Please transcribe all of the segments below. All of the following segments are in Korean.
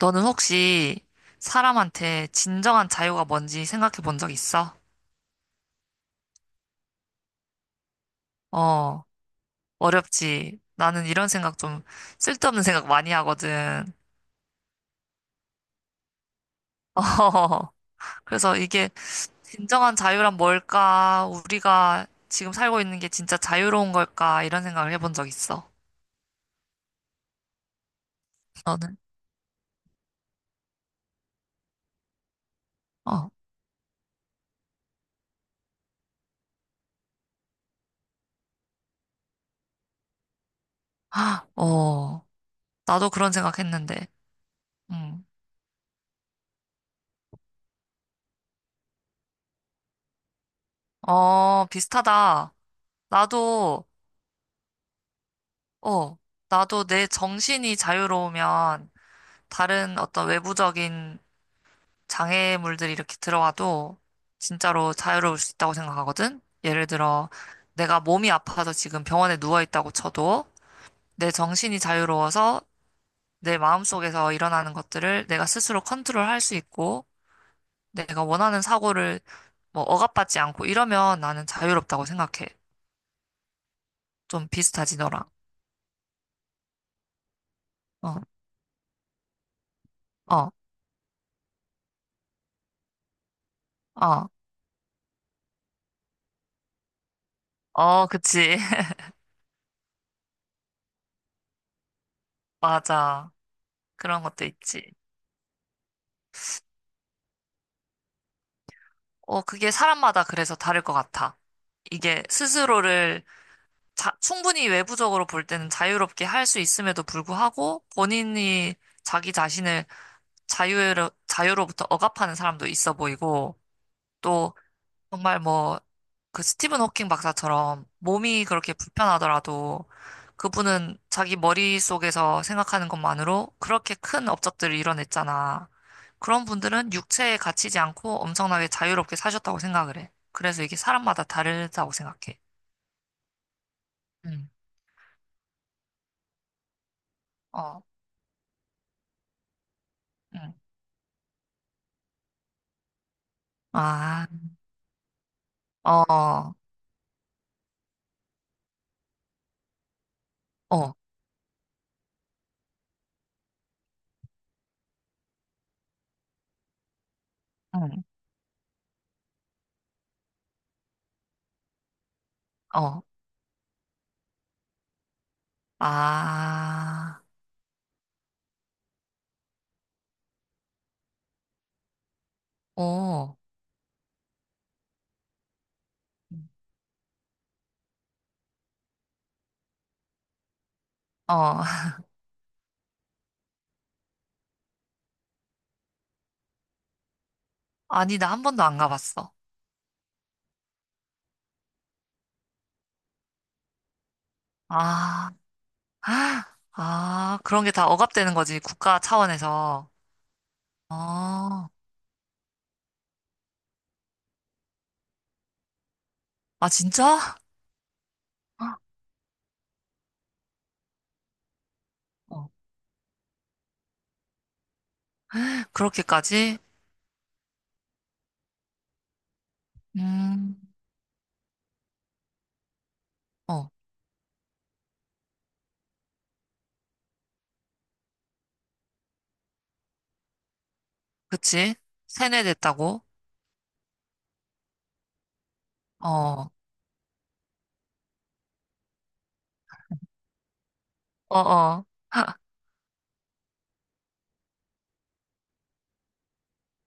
너는 혹시 사람한테 진정한 자유가 뭔지 생각해 본 적 있어? 어, 어렵지. 나는 이런 생각 좀 쓸데없는 생각 많이 하거든. 어, 그래서 이게 진정한 자유란 뭘까? 우리가 지금 살고 있는 게 진짜 자유로운 걸까? 이런 생각을 해본 적 있어. 너는? 어, 어, 나도 그런 생각했는데. 음. 어, 비슷하다. 나도, 어, 나도 내 정신이 자유로우면 다른 어떤 외부적인 장애물들이 이렇게 들어와도 진짜로 자유로울 수 있다고 생각하거든? 예를 들어, 내가 몸이 아파서 지금 병원에 누워 있다고 쳐도 내 정신이 자유로워서 내 마음속에서 일어나는 것들을 내가 스스로 컨트롤할 수 있고 내가 원하는 사고를 뭐 억압받지 않고 이러면 나는 자유롭다고 생각해. 좀 비슷하지, 너랑. 어, 어, 어, 어, 그치. 맞아. 그런 것도 있지. 어, 그게 사람마다 그래서 다를 것 같아. 이게 스스로를 충분히 외부적으로 볼 때는 자유롭게 할 수 있음에도 불구하고 본인이 자기 자신을 자유로, 자유로부터 억압하는 사람도 있어 보이고 정말 뭐, 그 스티븐 호킹 박사처럼 몸이 그렇게 불편하더라도 그분은 자기 머릿속에서 생각하는 것만으로 그렇게 큰 업적들을 이뤄냈잖아. 그런 분들은 육체에 갇히지 않고 엄청나게 자유롭게 사셨다고 생각을 해. 그래서 이게 사람마다 다르다고 생각해. 응, 어, 응. 아, 어, 어, 응, 어, 아, 오, 어. 아니, 나 한 번도 안 가봤어. 아. 아, 아, 그런 게 다 억압되는 거지, 국가 차원에서. 아, 아, 진짜? 어, 그렇게까지? 음, 어, 그치? 세뇌됐다고? 어, 어, 어.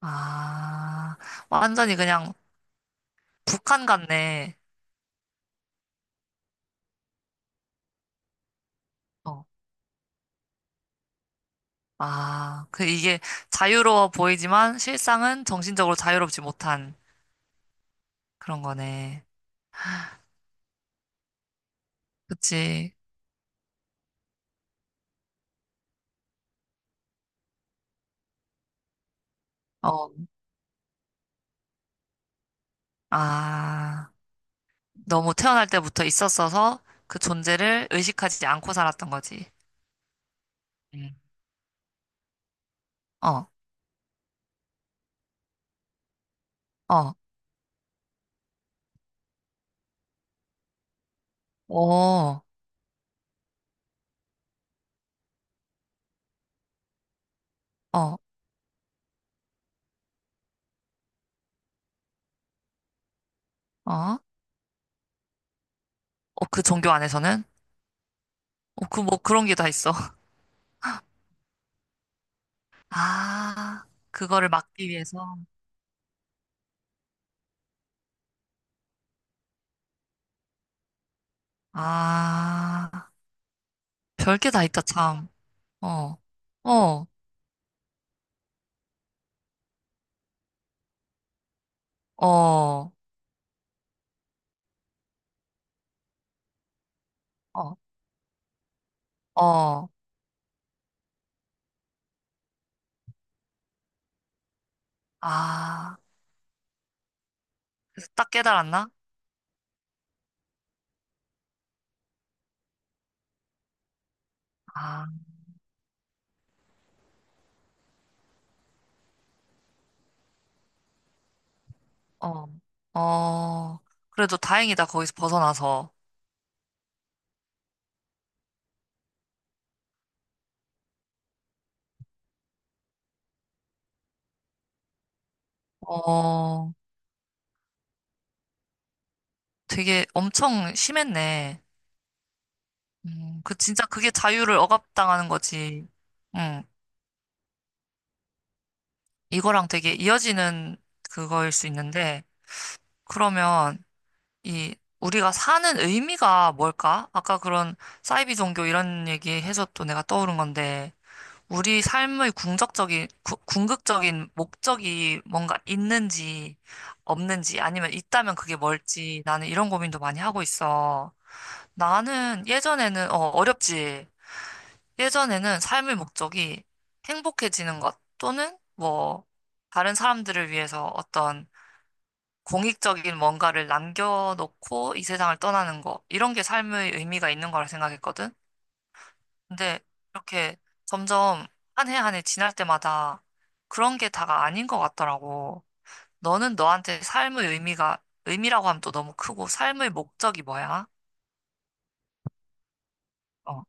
아, 완전히 그냥 북한 같네. 어, 아, 그 이게 자유로워 보이지만 실상은 정신적으로 자유롭지 못한 그런 거네. 그치? 어, 아. 너무 태어날 때부터 있었어서 그 존재를 의식하지 않고 살았던 거지. 음. 어, 어, 어, 어, 어. 어, 그 종교 안에서는? 어, 그 뭐 그런 게 다 있어. 아, 그거를 막기 위해서. 아, 별게 다 있다, 참. 어, 어, 어, 어, 어. 아, 딱 깨달았나? 아, 어, 어. 그래도 다행이다, 거기서 벗어나서. 어, 되게 엄청 심했네. 그 진짜 그게 자유를 억압당하는 거지. 음, 이거랑 되게 이어지는 그거일 수 있는데, 그러면 이 우리가 사는 의미가 뭘까? 아까 그런 사이비 종교 이런 얘기 해서 또 내가 떠오른 건데, 우리 삶의 궁극적인, 궁극적인 목적이 뭔가 있는지 없는지 아니면 있다면 그게 뭘지 나는 이런 고민도 많이 하고 있어. 나는 예전에는 어, 어렵지. 예전에는 삶의 목적이 행복해지는 것 또는 뭐 다른 사람들을 위해서 어떤 공익적인 뭔가를 남겨놓고 이 세상을 떠나는 것 이런 게 삶의 의미가 있는 거라 생각했거든. 근데 이렇게 점점 한 해 한 해 지날 때마다 그런 게 다가 아닌 것 같더라고. 너는 너한테 삶의 의미가 의미라고 하면 또 너무 크고 삶의 목적이 뭐야? 어,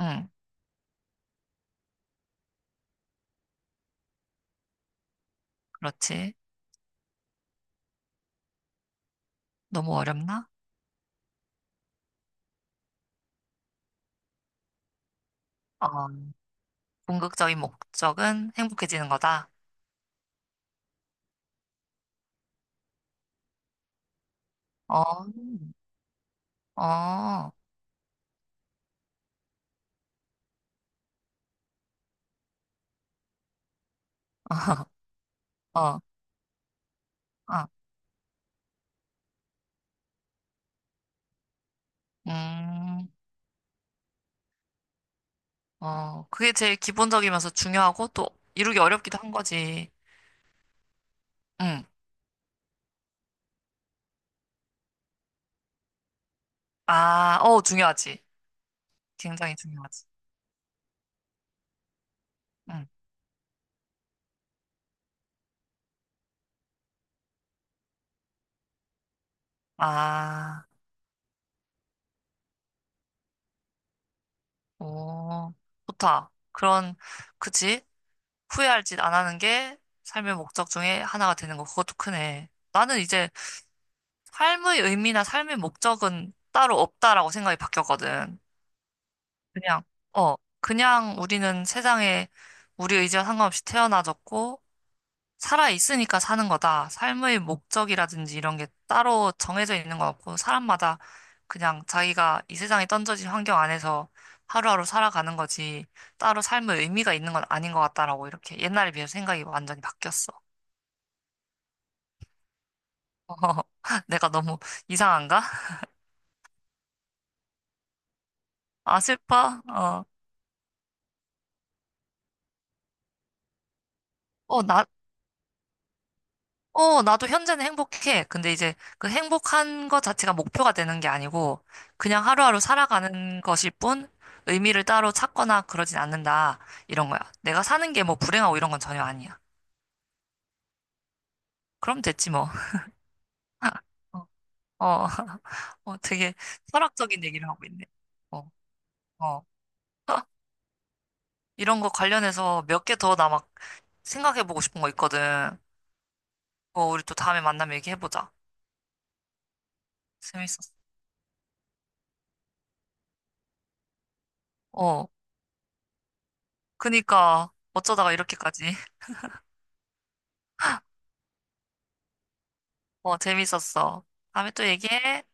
응, 그렇지. 너무 어렵나? 어. 궁극적인 목적은 행복해지는 거다. 어, 어, 어, 어, 어, 음, 어, 그게 제일 기본적이면서 중요하고 또 이루기 어렵기도 한 거지. 응. 아, 어, 중요하지. 굉장히 중요하지. 응. 아, 오, 좋다. 그런, 그치? 후회할 짓 안 하는 게 삶의 목적 중에 하나가 되는 거. 그것도 크네. 나는 이제 삶의 의미나 삶의 목적은 따로 없다라고 생각이 바뀌었거든. 그냥, 어, 그냥 우리는 세상에 우리 의지와 상관없이 태어나졌고, 살아있으니까 사는 거다. 삶의 목적이라든지 이런 게 따로 정해져 있는 것 없고, 사람마다 그냥 자기가 이 세상에 던져진 환경 안에서 하루하루 살아가는 거지, 따로 삶의 의미가 있는 건 아닌 것 같다라고 이렇게 옛날에 비해서 생각이 완전히 바뀌었어. 내가 너무 이상한가? 아, 슬퍼? 어. 어, 나, 어, 나도 현재는 행복해. 근데 이제 그 행복한 것 자체가 목표가 되는 게 아니고 그냥 하루하루 살아가는 것일 뿐 의미를 따로 찾거나 그러진 않는다. 이런 거야. 내가 사는 게 뭐 불행하고 이런 건 전혀 아니야. 그럼 됐지 뭐. 어, 어, 어, 되게 철학적인 얘기를 하고 있네. 어, 어. 이런 거 관련해서 몇 개 더 나 막 생각해보고 싶은 거 있거든. 어, 우리 또 다음에 만나면 얘기해보자. 재밌었어. 어, 그니까 어쩌다가 이렇게까지. 어, 재밌었어. 다음에 또 얘기해.